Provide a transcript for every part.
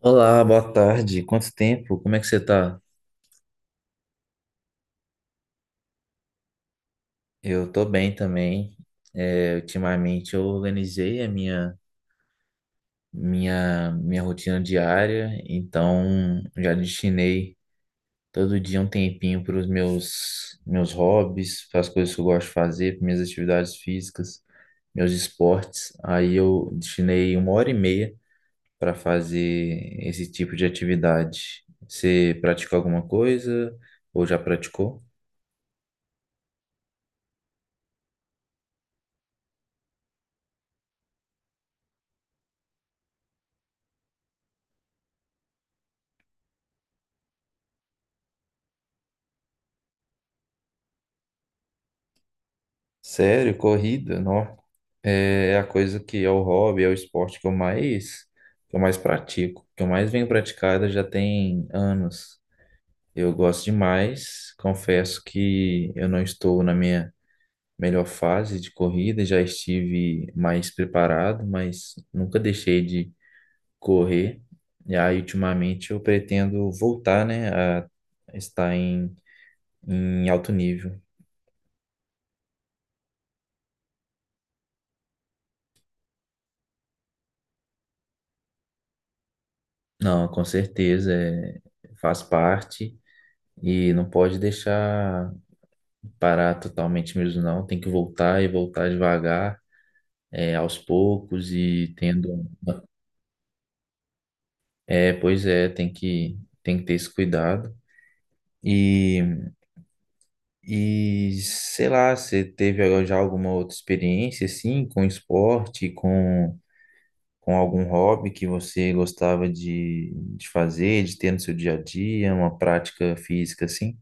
Olá, boa tarde. Quanto tempo? Como é que você tá? Eu tô bem também. Ultimamente eu organizei a minha rotina diária, então já destinei todo dia um tempinho para os meus hobbies, para as coisas que eu gosto de fazer, para minhas atividades físicas, meus esportes. Aí eu destinei uma hora e meia para fazer esse tipo de atividade. Você pratica alguma coisa ou já praticou? Sério, corrida, não. É a coisa que é o hobby, é o esporte que eu mais pratico, que eu mais venho praticada já tem anos. Eu gosto demais, confesso que eu não estou na minha melhor fase de corrida, já estive mais preparado, mas nunca deixei de correr. E aí, ultimamente, eu pretendo voltar, né, a estar em alto nível. Não, com certeza, é, faz parte. E não pode deixar parar totalmente mesmo, não. Tem que voltar e voltar devagar, é, aos poucos e tendo. É, pois é, tem que ter esse cuidado. E, e sei lá, você teve já alguma outra experiência assim com esporte, com algum hobby que você gostava de fazer, de ter no seu dia a dia, uma prática física assim?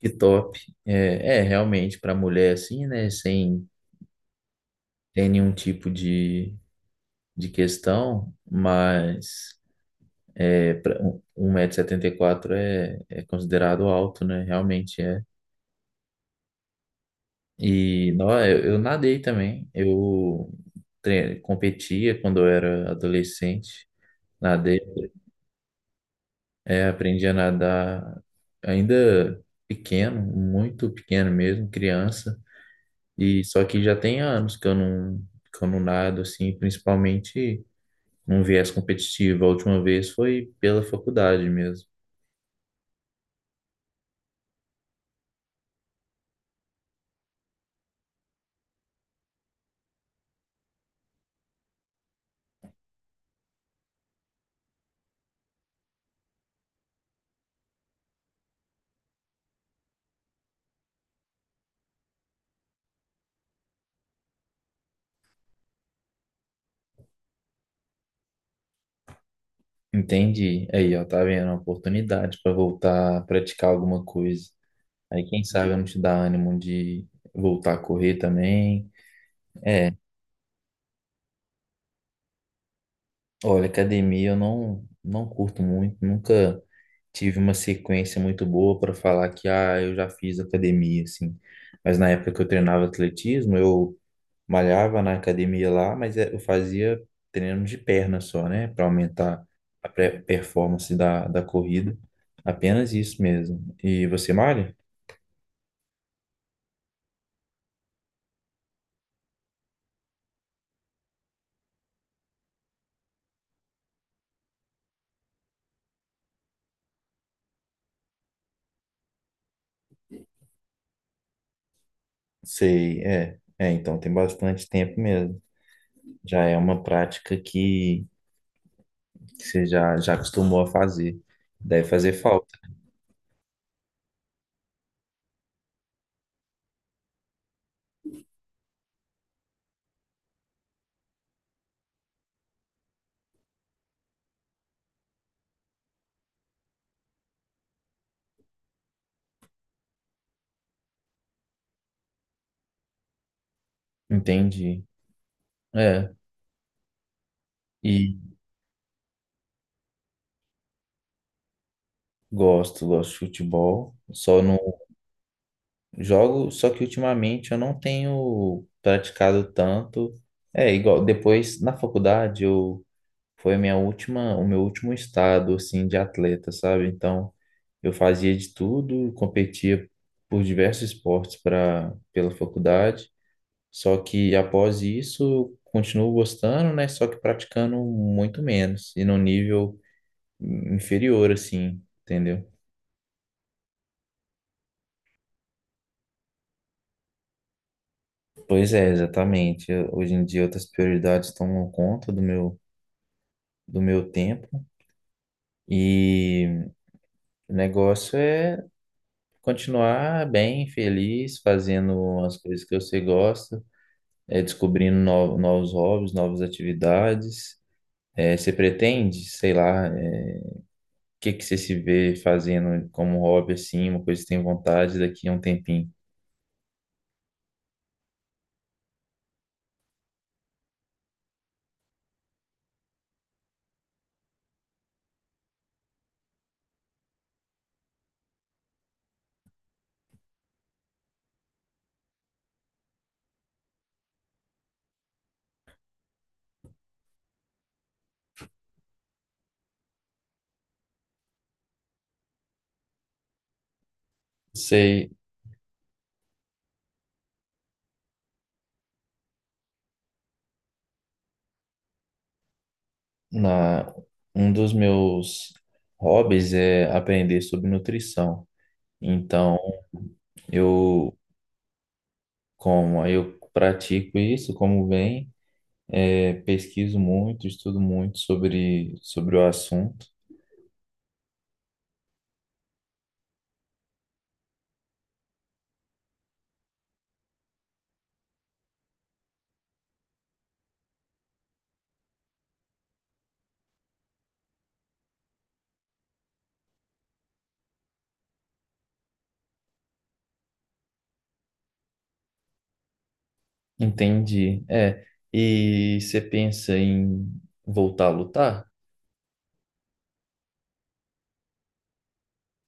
Que top. É realmente para mulher assim, né? Sem ter nenhum tipo de questão, mas 1,74 m é considerado alto, né? Realmente é. E não, eu nadei também. Competia quando eu era adolescente. Nadei, é, aprendi a nadar ainda pequeno, muito pequeno mesmo, criança. E só que já tem anos que eu não nado, assim, principalmente num viés competitivo. A última vez foi pela faculdade mesmo. Entendi. Aí, ó, tá vendo? Uma oportunidade para voltar a praticar alguma coisa. Aí, quem sabe eu não te dá ânimo de voltar a correr também. É, olha, academia eu não, não curto muito, nunca tive uma sequência muito boa para falar que, ah, eu já fiz academia, assim. Mas na época que eu treinava atletismo, eu malhava na academia lá, eu fazia treino de perna só, né? Para aumentar a performance da corrida. Apenas isso mesmo. E você malha? Sei, é. É, então tem bastante tempo mesmo. Já é uma prática que já acostumou a fazer. Deve fazer falta. Entendi. É. E gosto, gosto de futebol. Só não. Jogo, só que ultimamente eu não tenho praticado tanto. É igual, depois na faculdade eu foi a minha última, o meu último estado assim de atleta, sabe? Então eu fazia de tudo, competia por diversos esportes para pela faculdade. Só que após isso eu continuo gostando, né? Só que praticando muito menos e num nível inferior assim, entendeu? Pois é, exatamente. Hoje em dia outras prioridades tomam conta do meu tempo. E o negócio é continuar bem, feliz, fazendo as coisas que você gosta, é, descobrindo novos hobbies, novas atividades. É, você pretende, sei lá, é, o que que você se vê fazendo como hobby, assim, uma coisa que tem vontade daqui a um tempinho? Sei, na, um dos meus hobbies é aprender sobre nutrição. Então, eu como, aí eu pratico isso, como bem. É, pesquiso muito, estudo muito sobre o assunto. Entendi. É, e você pensa em voltar a lutar?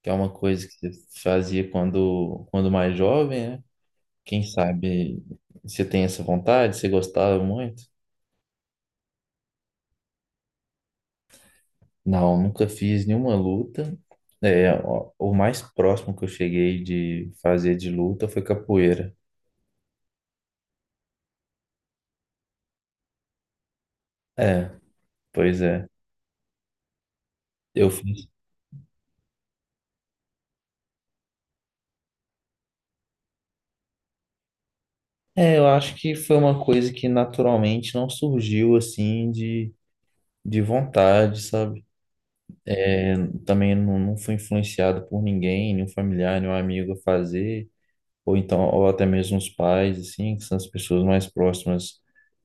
Que é uma coisa que você fazia quando mais jovem, né? Quem sabe você tem essa vontade, você gostava muito? Não, nunca fiz nenhuma luta. É, o mais próximo que eu cheguei de fazer de luta foi capoeira. É, pois é. Eu fiz. É, eu acho que foi uma coisa que naturalmente não surgiu assim de vontade, sabe? É, também não fui influenciado por ninguém, nenhum familiar, nenhum amigo a fazer, ou até mesmo os pais, assim, que são as pessoas mais próximas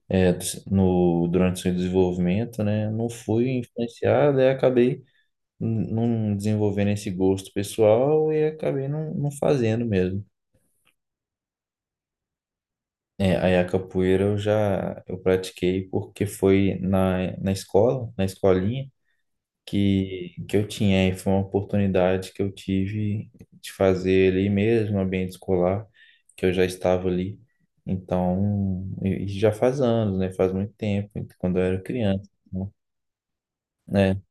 é, do se- no, durante o seu desenvolvimento, né? Não fui influenciado e acabei não desenvolvendo esse gosto pessoal e acabei não fazendo mesmo. É, aí a capoeira eu já eu pratiquei porque foi na escola, na escolinha, que eu tinha. E foi uma oportunidade que eu tive de fazer ali mesmo, no ambiente escolar, que eu já estava ali. Então, e já faz anos, né? Faz muito tempo, quando eu era criança, né?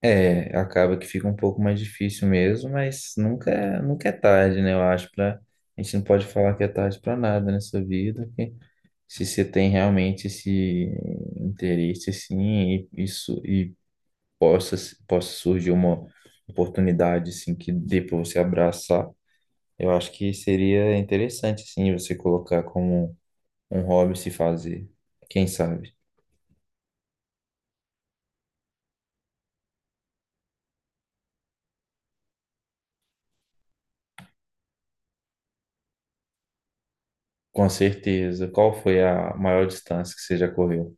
É, acaba que fica um pouco mais difícil mesmo, mas nunca, nunca é tarde, né? Eu acho para a gente não pode falar que é tarde para nada nessa vida, que se você tem realmente esse interesse assim, e isso e possa possa surgir uma oportunidade assim que dê para você abraçar, eu acho que seria interessante assim você colocar como um hobby se fazer, quem sabe. Com certeza. Qual foi a maior distância que você já correu?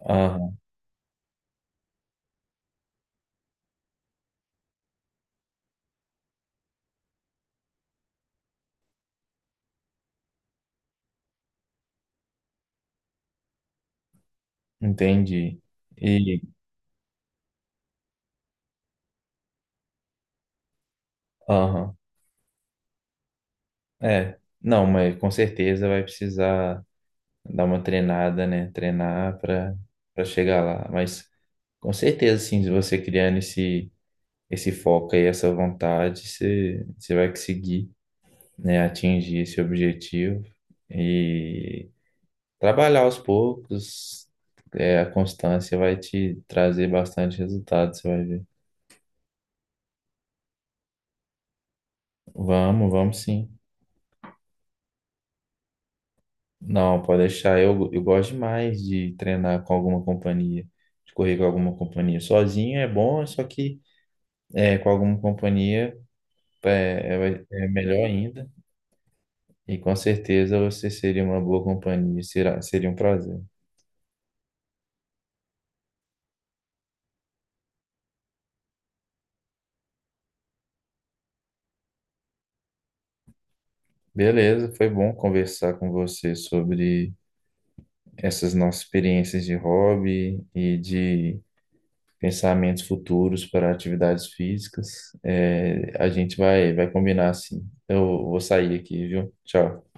Ah, entendi. E, aham, é. Não, mas com certeza vai precisar dar uma treinada, né? Treinar para Para chegar lá. Mas com certeza, sim, se você criando esse foco aí, essa vontade, você vai conseguir, né, atingir esse objetivo e trabalhar aos poucos. É, a constância vai te trazer bastante resultado, você vai ver. Vamos, vamos sim. Não, pode deixar. Eu gosto demais de treinar com alguma companhia, de correr com alguma companhia. Sozinho é bom, só que é, com alguma companhia é, é, é melhor ainda. E com certeza você seria uma boa companhia, será, seria um prazer. Beleza, foi bom conversar com você sobre essas nossas experiências de hobby e de pensamentos futuros para atividades físicas. É, a gente vai combinar assim. Eu vou sair aqui, viu? Tchau.